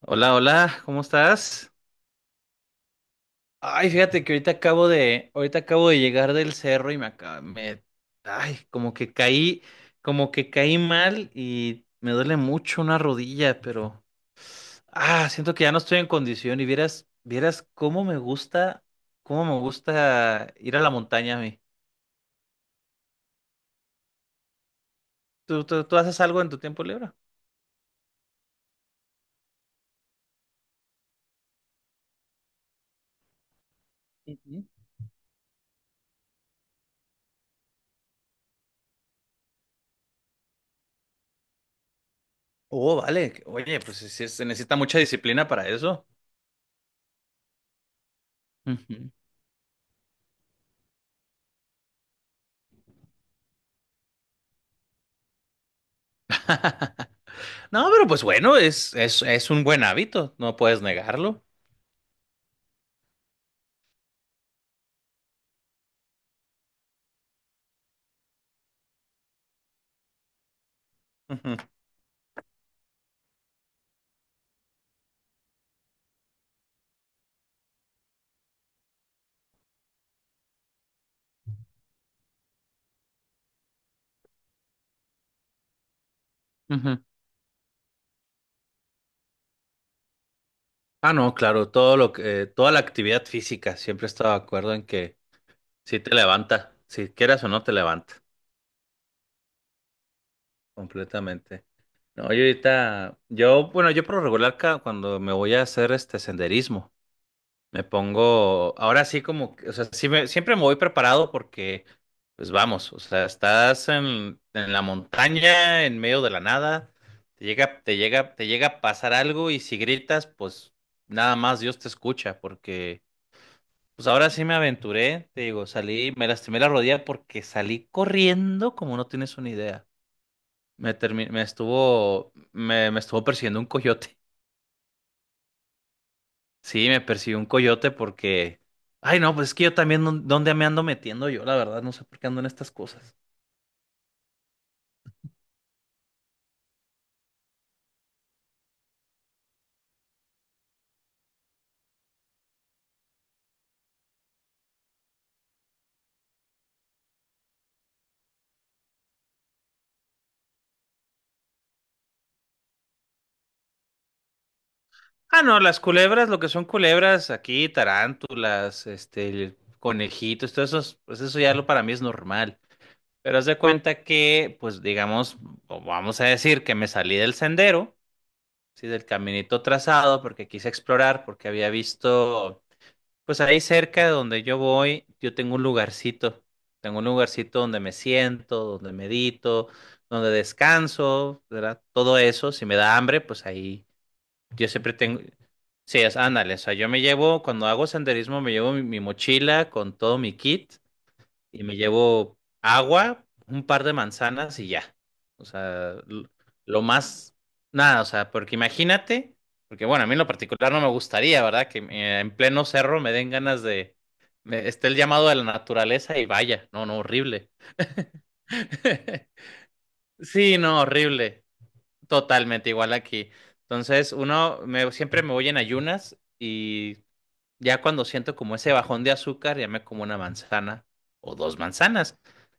Hola, hola, ¿cómo estás? Ay, fíjate que ahorita acabo de llegar del cerro y ay, como que caí mal y me duele mucho una rodilla, pero, ah, siento que ya no estoy en condición y vieras cómo me gusta ir a la montaña a mí. ¿Tú haces algo en tu tiempo libre? Ujú. Oh, vale. Oye, pues sí, sí, se necesita mucha disciplina para eso. No, pero pues bueno, es un buen hábito, no puedes negarlo. Ujú, ujú. Ah, no, claro, toda la actividad física, siempre he estado de acuerdo en que sí te levanta, si quieras o no te levanta, completamente. No, yo ahorita, yo, bueno, yo por lo regular cuando me voy a hacer este senderismo. Me pongo, ahora sí como, o sea, siempre me voy preparado porque, pues vamos, o sea, estás en la montaña, en medio de la nada, te llega a pasar algo y si gritas, pues nada más Dios te escucha porque, pues ahora sí me aventuré, te digo, salí, me lastimé la rodilla porque salí corriendo como no tienes una idea. Me me estuvo persiguiendo un coyote. Sí, me persiguió un coyote porque. Ay, no, pues es que yo también, ¿dónde me ando metiendo yo? La verdad, no sé por qué ando en estas cosas. Ah, no, las culebras, lo que son culebras aquí, tarántulas, este, conejitos, todo eso, pues eso ya lo para mí es normal. Pero haz de cuenta que, pues digamos, o vamos a decir que me salí del sendero, sí, del caminito trazado, porque quise explorar, porque había visto. Pues ahí cerca de donde yo voy, yo tengo un lugarcito. Tengo un lugarcito donde me siento, donde medito, donde descanso, ¿verdad? Todo eso, si me da hambre, pues ahí yo siempre tengo. Sí, es, ándale, o sea, yo me llevo, cuando hago senderismo, me llevo mi mochila con todo mi kit y me llevo agua, un par de manzanas y ya. O sea, lo más, nada, o sea, porque imagínate, porque bueno, a mí en lo particular no me gustaría, ¿verdad? Que en pleno cerro me den ganas de, esté el llamado de la naturaleza y vaya, no, no, horrible. Sí, no, horrible. Totalmente igual aquí. Entonces, siempre me voy en ayunas y ya cuando siento como ese bajón de azúcar, ya me como una manzana o dos manzanas.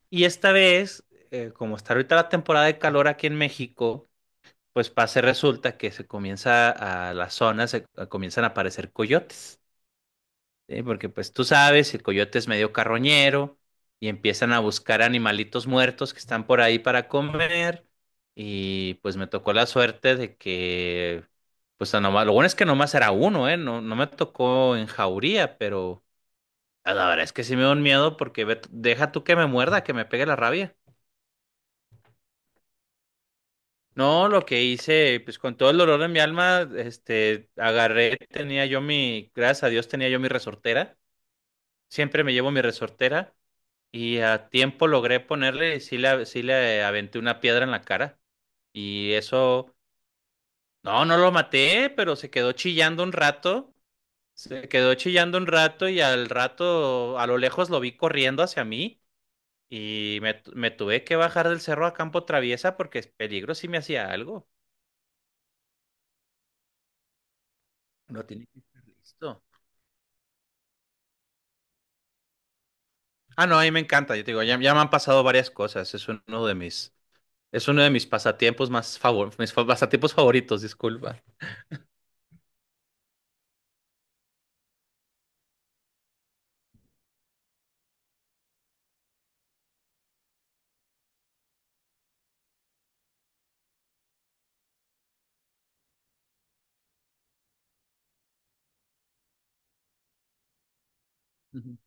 Y esta vez, como está ahorita la temporada de calor aquí en México, pues pasa y resulta que se comienza a las zonas, comienzan a aparecer coyotes, ¿sí? Porque pues tú sabes, el coyote es medio carroñero y empiezan a buscar animalitos muertos que están por ahí para comer. Y pues me tocó la suerte de que, pues lo bueno es que nomás era uno, ¿eh? No, no me tocó en jauría, pero ah, la verdad es que sí me da un miedo porque deja tú que me muerda, que me pegue la rabia. No, lo que hice, pues con todo el dolor de mi alma, este, agarré, gracias a Dios tenía yo mi resortera, siempre me llevo mi resortera y a tiempo logré ponerle, y sí le aventé una piedra en la cara y eso, no, no lo maté, pero se quedó chillando un rato, y al rato, a lo lejos lo vi corriendo hacia mí. Y me, me tuve que bajar del cerro a campo traviesa porque es peligro si me hacía algo. No tiene que estar listo. Ah, no, a mí me encanta. Yo te digo, ya me han pasado varias cosas. Es uno de mis pasatiempos más favor, mis fa- pasatiempos favoritos, disculpa. Ujú.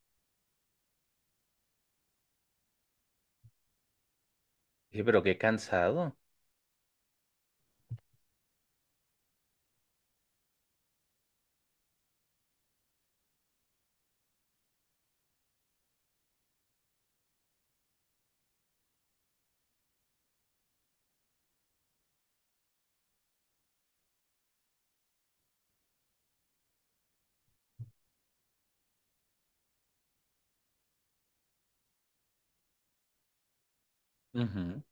Sí, pero qué cansado. Ujú.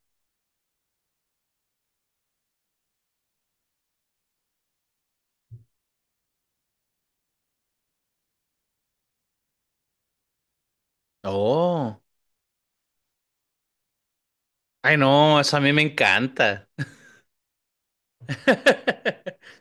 Oh. Ay, no, eso a mí me encanta.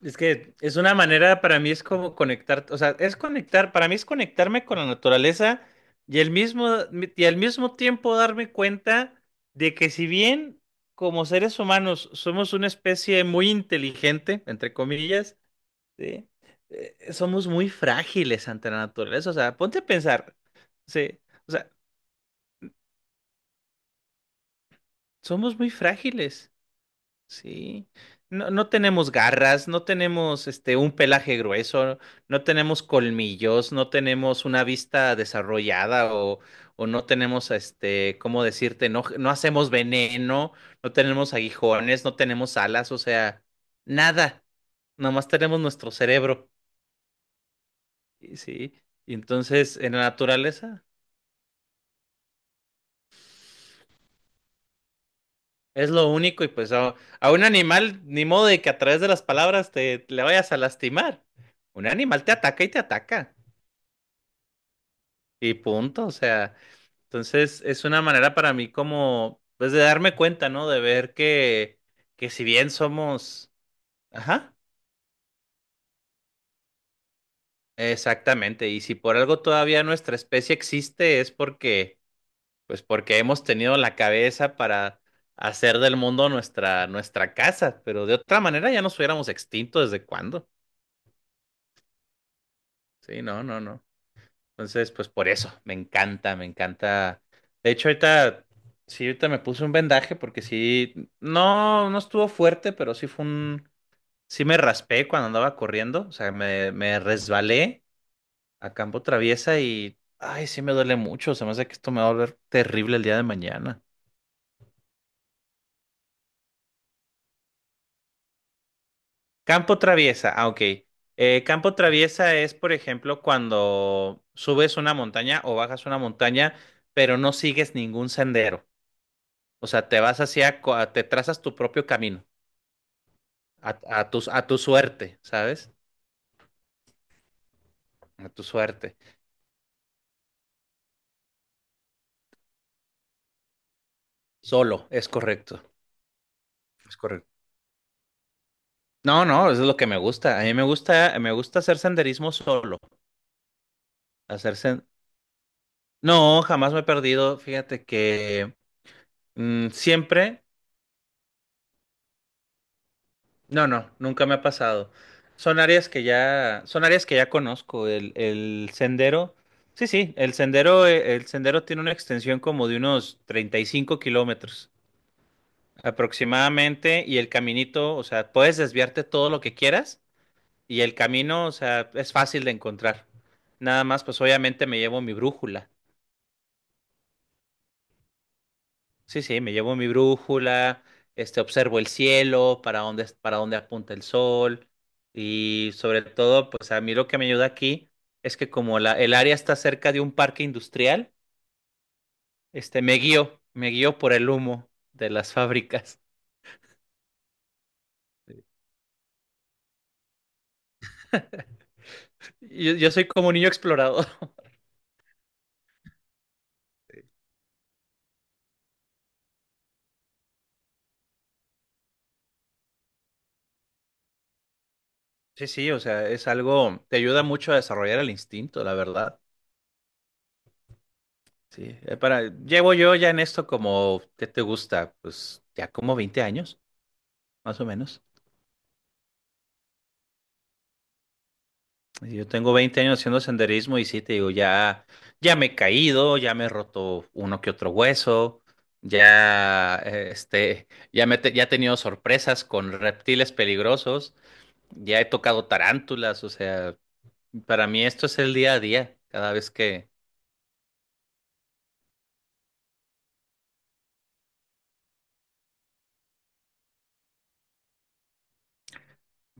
Es que es una manera, para mí es como conectar, o sea, es conectar, para mí es conectarme con la naturaleza y y al mismo tiempo darme cuenta de que si bien como seres humanos somos una especie muy inteligente, entre comillas, ¿sí? Somos muy frágiles ante la naturaleza. O sea, ponte a pensar, sí, o sea, somos muy frágiles. Sí, no, no tenemos garras, no tenemos este un pelaje grueso, no tenemos colmillos, no tenemos una vista desarrollada o no tenemos este, ¿cómo decirte? No, no hacemos veneno, no tenemos aguijones, no tenemos alas, o sea, nada. Nomás tenemos nuestro cerebro. Y sí. Y entonces, en la naturaleza. Es lo único y pues a un animal, ni modo de que a través de las palabras te le vayas a lastimar. Un animal te ataca. Y punto, o sea. Entonces es una manera para mí como, pues de darme cuenta, ¿no? De ver que si bien somos. Ajá, exactamente. Y si por algo todavía nuestra especie existe es porque, pues porque hemos tenido la cabeza para hacer del mundo nuestra casa. Pero de otra manera ya nos hubiéramos extinto desde cuándo. Sí, no, no, no. Entonces, pues por eso, me encanta, me encanta. De hecho, ahorita, sí, ahorita me puse un vendaje porque sí, no, no estuvo fuerte, pero sí fue un, sí me raspé cuando andaba corriendo, o sea, me resbalé a campo traviesa y, ay, sí me duele mucho, se me hace que esto me va a volver terrible el día de mañana. Campo traviesa, ah, ok. Campo traviesa es, por ejemplo, cuando subes una montaña o bajas una montaña, pero no sigues ningún sendero. O sea, te vas hacia, te trazas tu propio camino, a, a tu suerte, ¿sabes? A tu suerte. Solo, es correcto, es correcto. No, no, eso es lo que me gusta. A mí me gusta hacer senderismo solo. Hacer sen- No, jamás me he perdido. Fíjate que mm, siempre, no, no, nunca me ha pasado. Son áreas que ya, son áreas que ya conozco. El sendero, sí, sí, el sendero tiene una extensión como de unos 35 kilómetros aproximadamente y el caminito, o sea, puedes desviarte todo lo que quieras y el camino, o sea, es fácil de encontrar. Nada más, pues obviamente me llevo mi brújula. Sí, sí, me llevo mi brújula, este, observo el cielo, para dónde apunta el sol y sobre todo, pues a mí lo que me ayuda aquí es que como el área está cerca de un parque industrial, este, me guío por el humo de las fábricas. Yo soy como un niño explorador. Sí, sí, o sea, es algo, te ayuda mucho a desarrollar el instinto, la verdad. Sí, para, llevo yo ya en esto como, ¿qué te gusta? Pues ya como 20 años, más o menos. Y yo tengo 20 años haciendo senderismo y sí, te digo, ya, ya me he caído, ya me he roto uno que otro hueso, ya, este, ya me, ya he tenido sorpresas con reptiles peligrosos, ya he tocado tarántulas, o sea, para mí esto es el día a día, cada vez que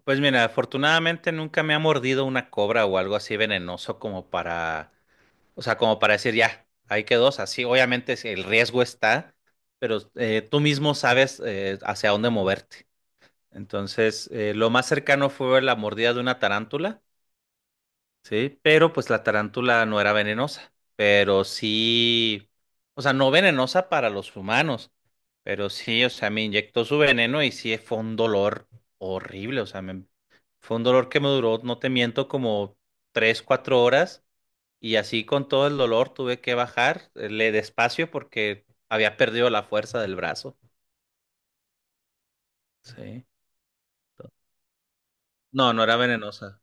pues mira, afortunadamente nunca me ha mordido una cobra o algo así venenoso como para, o sea, como para decir ya, ahí quedó, o sea, sí, obviamente sí, el riesgo está, pero tú mismo sabes hacia dónde moverte. Entonces, lo más cercano fue la mordida de una tarántula. Sí, pero pues la tarántula no era venenosa, pero sí, o sea, no venenosa para los humanos, pero sí, o sea, me inyectó su veneno y sí fue un dolor horrible, o sea, fue un dolor que me duró, no te miento, como 3, 4 horas y así con todo el dolor tuve que bajar, le despacio porque había perdido la fuerza del brazo. Sí. No, no era venenosa.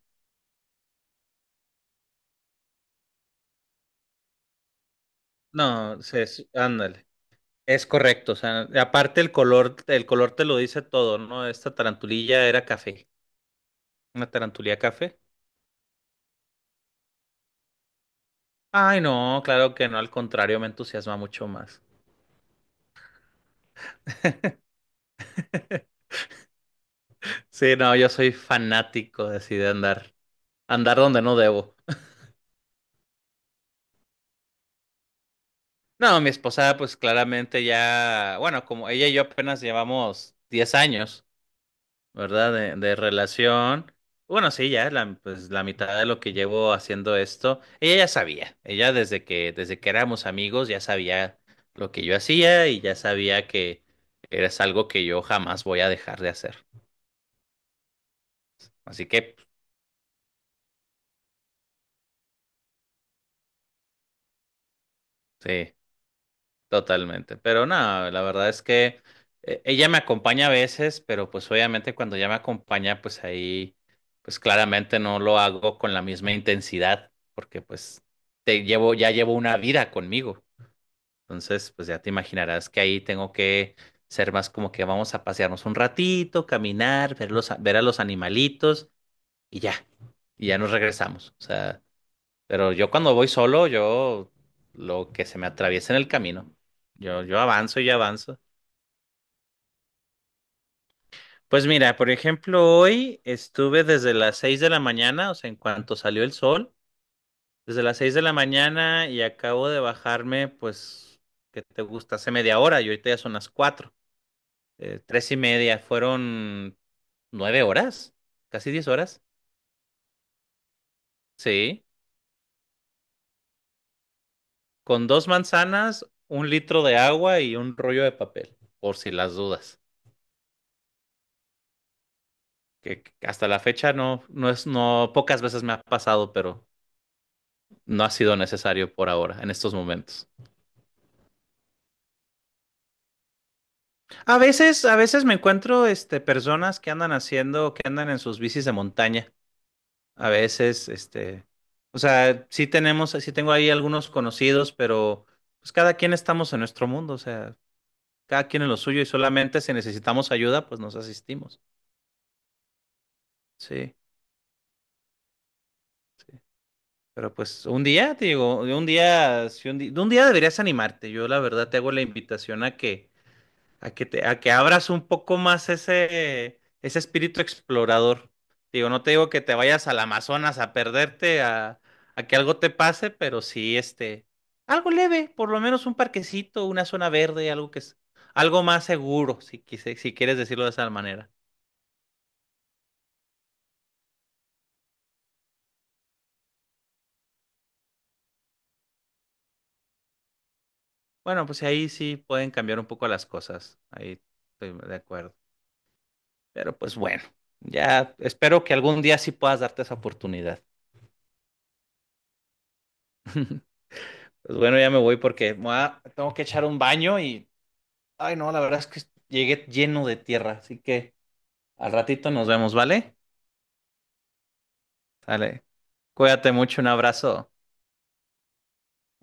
No, se, ándale. Es correcto, o sea, aparte el color te lo dice todo, ¿no? Esta tarantulilla era café, una tarantulilla café. Ay, no, claro que no, al contrario, me entusiasma mucho más. Sí, no, yo soy fanático de así de andar, andar donde no debo. No, mi esposa, pues claramente ya, bueno, como ella y yo apenas llevamos 10 años. ¿Verdad? De relación. Bueno, sí, ya la, pues, la mitad de lo que llevo haciendo esto, ella ya sabía, ella desde que éramos amigos ya sabía lo que yo hacía y ya sabía que es algo que yo jamás voy a dejar de hacer. Así que, sí, totalmente. Pero no, la verdad es que ella me acompaña a veces, pero pues obviamente cuando ella me acompaña, pues ahí, pues claramente no lo hago con la misma intensidad, porque pues te llevo, ya llevo una vida conmigo. Entonces, pues ya te imaginarás que ahí tengo que ser más como que vamos a pasearnos un ratito, caminar, ver los, ver a los animalitos y ya, y ya nos regresamos. O sea, pero yo cuando voy solo, yo lo que se me atraviesa en el camino, yo avanzo y avanzo. Pues mira, por ejemplo, hoy estuve desde las 6 de la mañana, o sea, en cuanto salió el sol, desde las 6 de la mañana y acabo de bajarme, pues, ¿qué te gusta? Hace media hora y ahorita ya son las cuatro. 3:30, fueron 9 horas, casi 10 horas. Sí, con dos manzanas, 1 litro de agua y un rollo de papel, por si las dudas. Que hasta la fecha no, no es, no, pocas veces me ha pasado, pero no ha sido necesario por ahora, en estos momentos. A veces me encuentro, este, personas que andan haciendo, que andan en sus bicis de montaña. A veces, este, o sea, sí tenemos, sí tengo ahí algunos conocidos, pero pues cada quien estamos en nuestro mundo, o sea, cada quien en lo suyo y solamente si necesitamos ayuda, pues nos asistimos. Sí, pero pues un día, te digo, de un día, si un di- de un día deberías animarte. Yo la verdad te hago la invitación a que a que te, a que abras un poco más ese, ese espíritu explorador. Digo, no te digo que te vayas al Amazonas a perderte, a que algo te pase, pero sí, este, algo leve, por lo menos un parquecito, una zona verde, algo que es, algo más seguro, si, si quieres decirlo de esa manera. Bueno, pues ahí sí pueden cambiar un poco las cosas. Ahí estoy de acuerdo. Pero pues bueno, ya espero que algún día sí puedas darte esa oportunidad. Pues bueno, ya me voy porque tengo que echar un baño y ay, no, la verdad es que llegué lleno de tierra, así que al ratito nos vemos, ¿vale? Sale. Cuídate mucho, un abrazo. Bye.